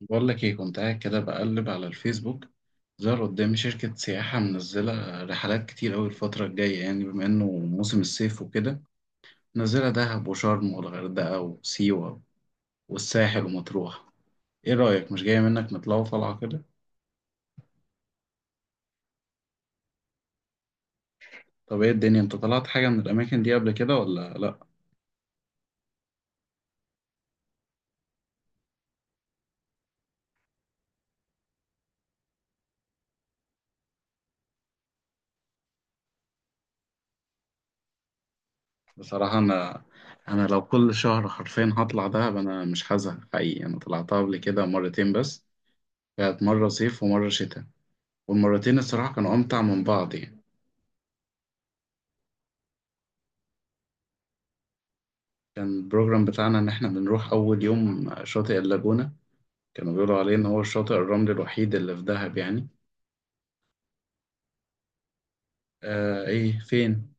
بقول لك ايه، كنت قاعد كده بقلب على الفيسبوك. ظهر قدامي شركة سياحة منزلة رحلات كتير أوي الفترة الجاية، يعني بما إنه موسم الصيف وكده. منزلة دهب وشرم والغردقة وسيوة والساحل ومطروح. ايه رأيك مش جاية منك نطلعوا طلعة كده؟ طب ايه الدنيا، انت طلعت حاجة من الأماكن دي قبل كده ولا لأ؟ بصراحة أنا لو كل شهر حرفيا هطلع دهب أنا مش هزهق حقيقي. أنا طلعتها قبل كده مرتين بس. كانت مرة صيف ومرة شتاء، والمرتين الصراحة كانوا أمتع من بعض يعني. كان البروجرام بتاعنا إن إحنا بنروح أول يوم شاطئ اللاجونة. كانوا بيقولوا عليه إن هو الشاطئ الرملي الوحيد اللي في دهب يعني. آه إيه فين؟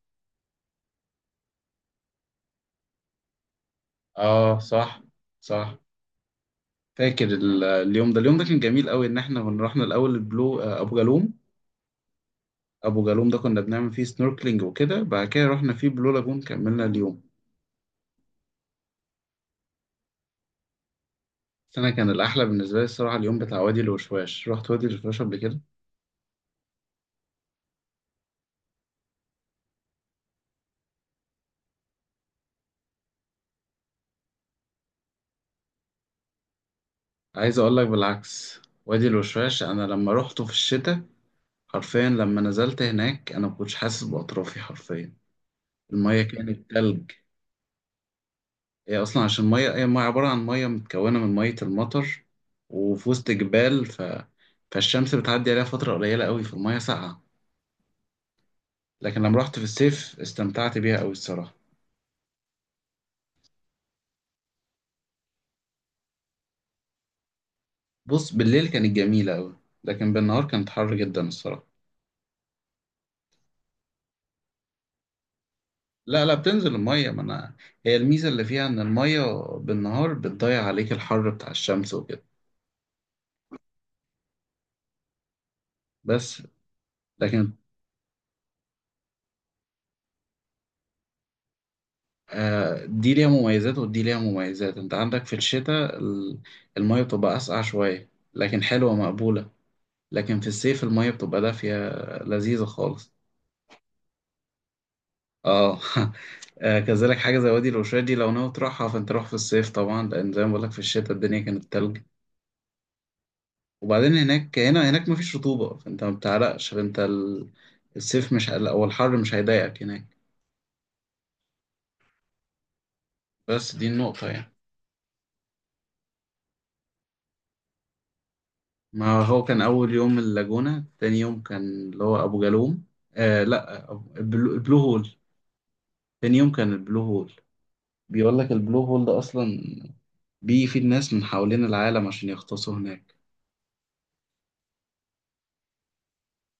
آه صح. صح. فاكر اليوم ده كان جميل قوي، إن إحنا كنا رحنا الأول البلو آه أبو جالوم ده كنا بنعمل فيه سنوركلينج وكده، بعد كده رحنا فيه بلو لاجون كملنا اليوم. بس أنا كان الأحلى بالنسبة لي الصراحة اليوم بتاع وادي الوشواش. رحت وادي الوشواش قبل كده. عايز أقول لك بالعكس، وادي الوشواش أنا لما روحته في الشتاء حرفيا لما نزلت هناك انا ما كنتش حاسس باطرافي حرفيا. الميه كانت تلج. هي اصلا عشان ميه، هي ميه عباره عن ميه متكونه من ميه المطر وفي وسط جبال فالشمس بتعدي عليها فتره قليله قوي فالميه ساقعه. لكن لما رحت في الصيف استمتعت بيها قوي الصراحه. بص، بالليل كانت جميله قوي، لكن بالنهار كانت حر جدا الصراحه. لا لا، بتنزل الميه، ما انا هي الميزه اللي فيها ان الميه بالنهار بتضيع عليك الحر بتاع الشمس وكده. بس لكن دي ليها مميزات ودي ليها مميزات، انت عندك في الشتاء المية بتبقى أسقع شوية لكن حلوة مقبولة. لكن في الصيف المية بتبقى دافية لذيذة خالص. اه. كذلك حاجة زي وادي الوشاش دي لو ناوي تروحها فانت روح في الصيف طبعا، لأن زي ما بقولك في الشتاء الدنيا كانت تلج. وبعدين هناك، هناك مفيش رطوبة فانت ما بتعرقش، فانت الصيف مش، الحر مش هيضايقك هناك. بس دي النقطة يعني. ما هو كان أول يوم اللاجونة، تاني يوم كان اللي هو أبو جالوم. آه لأ، البلو هول. تاني يوم كان البلو هول. بيقول لك البلو هول ده أصلا بيجي فيه الناس من حوالين العالم عشان يغطسوا هناك.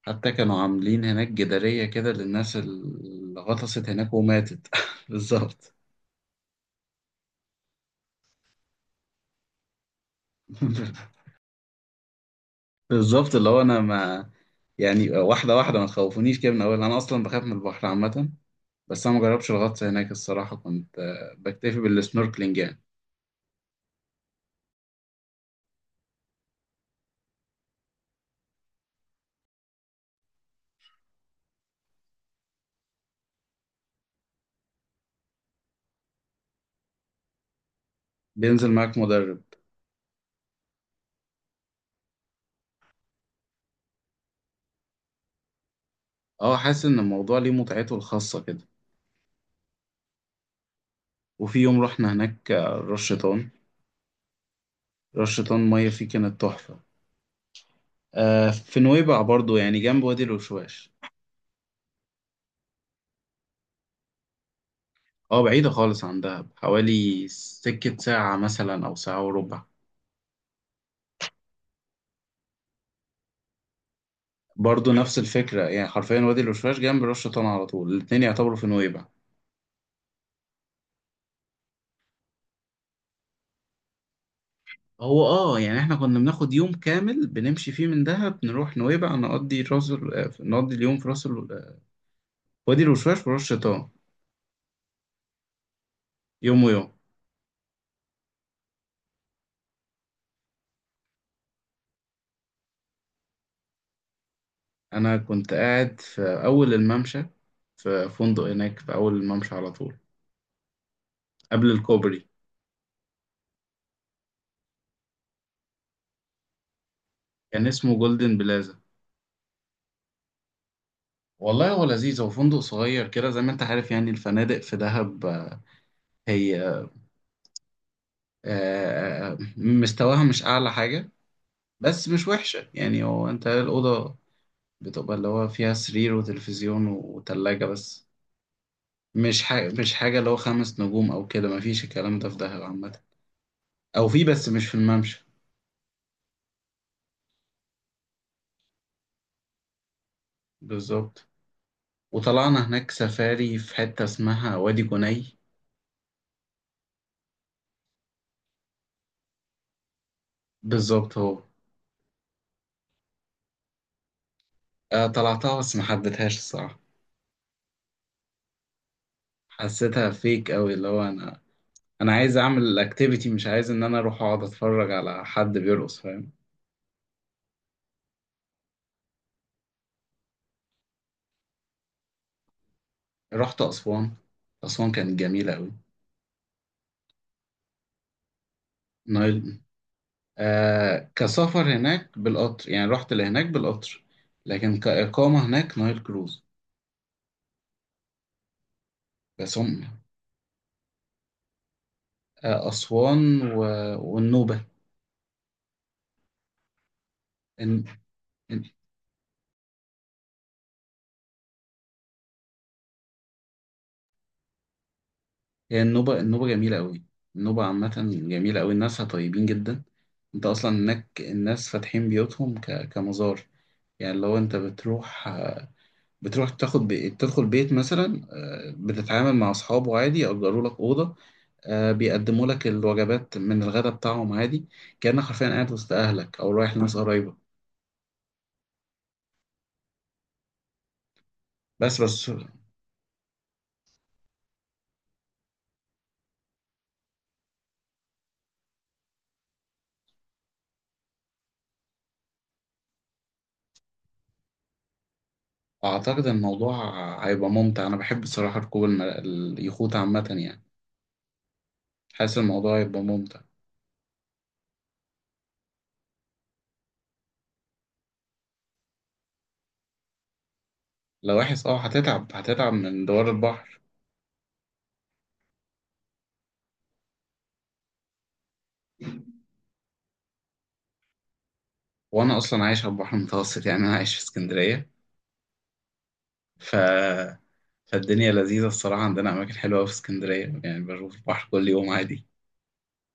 حتى كانوا عاملين هناك جدارية كده للناس اللي غطست هناك وماتت. بالظبط. بالظبط. اللي هو أنا ما يعني واحدة واحدة، ما تخوفونيش كده من أول، أنا أصلا بخاف من البحر عامة. بس أنا مجربش الغطس هناك الصراحة، كنت بكتفي بالسنوركلينج يعني. بينزل معاك مدرب. اه، حاسس ان الموضوع ليه متعته الخاصة كده. وفي يوم رحنا هناك راس شيطان مية فيه كانت تحفة. آه في نويبع برضو، يعني جنب وادي الوشواش. اه بعيدة خالص عن دهب، حوالي سكة ساعة مثلا أو ساعة وربع. برضو نفس الفكرة، يعني حرفيا وادي الوشواش جنب راس شيطان على طول، الاتنين يعتبروا في نويبع. هو اه يعني احنا كنا بناخد يوم كامل بنمشي فيه من دهب نروح نويبع، نقضي اليوم في راس ال- آه، وادي الوشواش في راس شيطان. يوم ويوم. أنا كنت قاعد في أول الممشى، في فندق هناك في أول الممشى على طول قبل الكوبري. كان اسمه جولدن بلازا. والله هو لذيذ، هو فندق صغير كده زي ما أنت عارف، يعني الفنادق في دهب هي مستواها مش أعلى حاجة، بس مش وحشة يعني. هو أنت الأوضة بتبقى اللي هو فيها سرير وتلفزيون وتلاجة بس. مش حاجة، مش حاجة اللي هو خمس نجوم أو كده، مفيش الكلام ده في دهب عامة. أو في، بس مش في الممشى. بالظبط. وطلعنا هناك سفاري في حتة اسمها وادي جني. بالظبط هو. طلعتها بس ما حبيتهاش الصراحة، حسيتها فيك أوي. اللي هو أنا عايز أعمل الأكتيفيتي، مش عايز إن أنا أروح أقعد أتفرج على حد بيرقص، فاهم. رحت أسوان. أسوان كانت جميلة أوي. نايل. كسفر هناك بالقطر، يعني رحت لهناك بالقطر، لكن كإقامة هناك نايل كروز. بس هم. أسوان والنوبة. هي النوبة جميلة أوي. النوبة عامة جميلة أوي، الناسها طيبين جدا. أنت أصلا هناك الناس فاتحين بيوتهم كمزار. يعني لو أنت بتروح، تاخد تدخل بيت مثلا، بتتعامل مع أصحابه عادي، يأجروا لك أوضة، بيقدموا لك الوجبات من الغداء بتاعهم عادي، كأنك حرفيا قاعد وسط أهلك أو رايح لناس قريبة. بس. أعتقد الموضوع هيبقى ممتع. أنا بحب الصراحة ركوب اليخوت عامة يعني. حاسس الموضوع هيبقى ممتع. لو وحش اه هتتعب، من دوار البحر. وانا اصلا عايش على البحر المتوسط، يعني انا عايش في اسكندريه. ف... فالدنيا لذيذه الصراحه، عندنا اماكن حلوه أوي في اسكندريه، يعني بشوف البحر كل يوم عادي.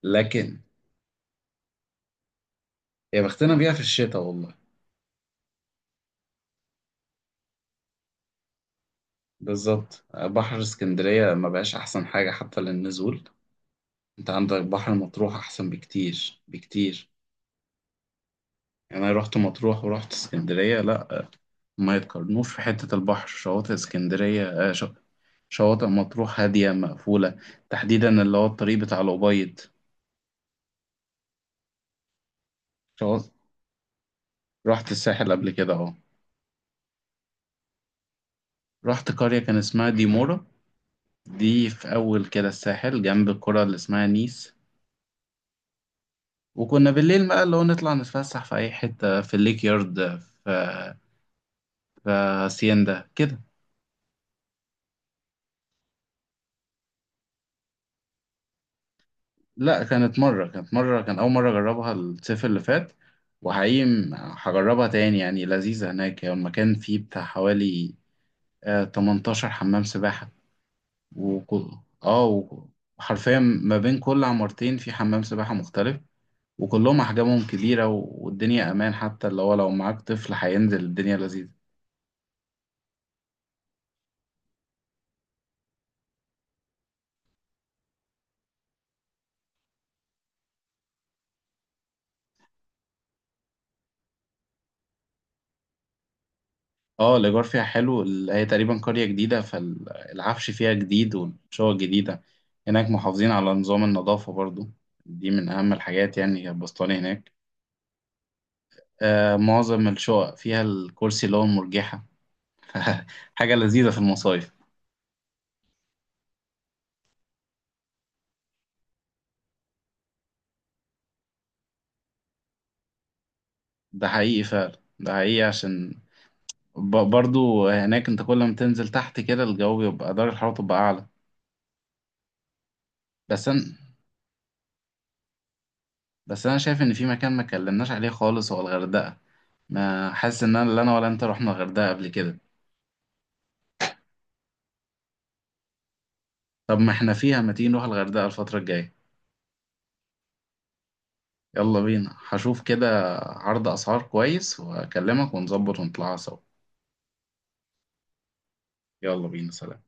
لكن يا بختنا بيها في الشتاء والله. بالظبط، بحر اسكندريه ما بقاش احسن حاجه حتى للنزول. انت عندك بحر مطروح احسن بكتير بكتير. يعني انا رحت مطروح ورحت اسكندريه، لا ما يتقارنوش. في حتة البحر شواطئ اسكندرية شواطئ مطروح هادية مقفولة، تحديدا اللي هو الطريق بتاع الأبيض. شواطئ رحت الساحل قبل كده أهو. رحت قرية كان اسمها ديمورا، دي في أول كده الساحل جنب القرى اللي اسمها نيس. وكنا بالليل بقى اللي هو نطلع نتفسح في أي حتة، في الليك يارد، في في هاسيندا كده. لا كانت مرة، كان أول مرة أجربها الصيف اللي فات. وحقيقي هجربها تاني، يعني لذيذة هناك. هي المكان فيه بتاع حوالي 18 حمام سباحة. وكل اه وحرفيا ما بين كل عمارتين في حمام سباحة مختلف، وكلهم أحجامهم كبيرة والدنيا أمان، حتى اللي هو لو معاك طفل هينزل الدنيا لذيذة. اه الإيجار فيها حلو. هي تقريبا قرية جديدة، فالعفش فيها جديد والشقق جديدة. هناك محافظين على نظام النظافة برضو، دي من أهم الحاجات، يعني هي البسطاني هناك. آه معظم الشقق فيها الكرسي اللي هو المرجحة. حاجة لذيذة في المصايف. ده حقيقي فعلا. ده حقيقي عشان برضو هناك انت كل ما تنزل تحت كده الجو بيبقى، درجة الحرارة تبقى أعلى. بس أنا بس أنا شايف إن في مكان ما اتكلمناش عليه خالص، هو الغردقة. ما حاسس إن أنا لا أنا ولا أنت رحنا الغردقة قبل كده. طب ما احنا فيها، ما تيجي نروح الغردقة الفترة الجاية. يلا بينا، هشوف كده عرض أسعار كويس وأكلمك ونظبط ونطلعها سوا. يلا بينا، سلام.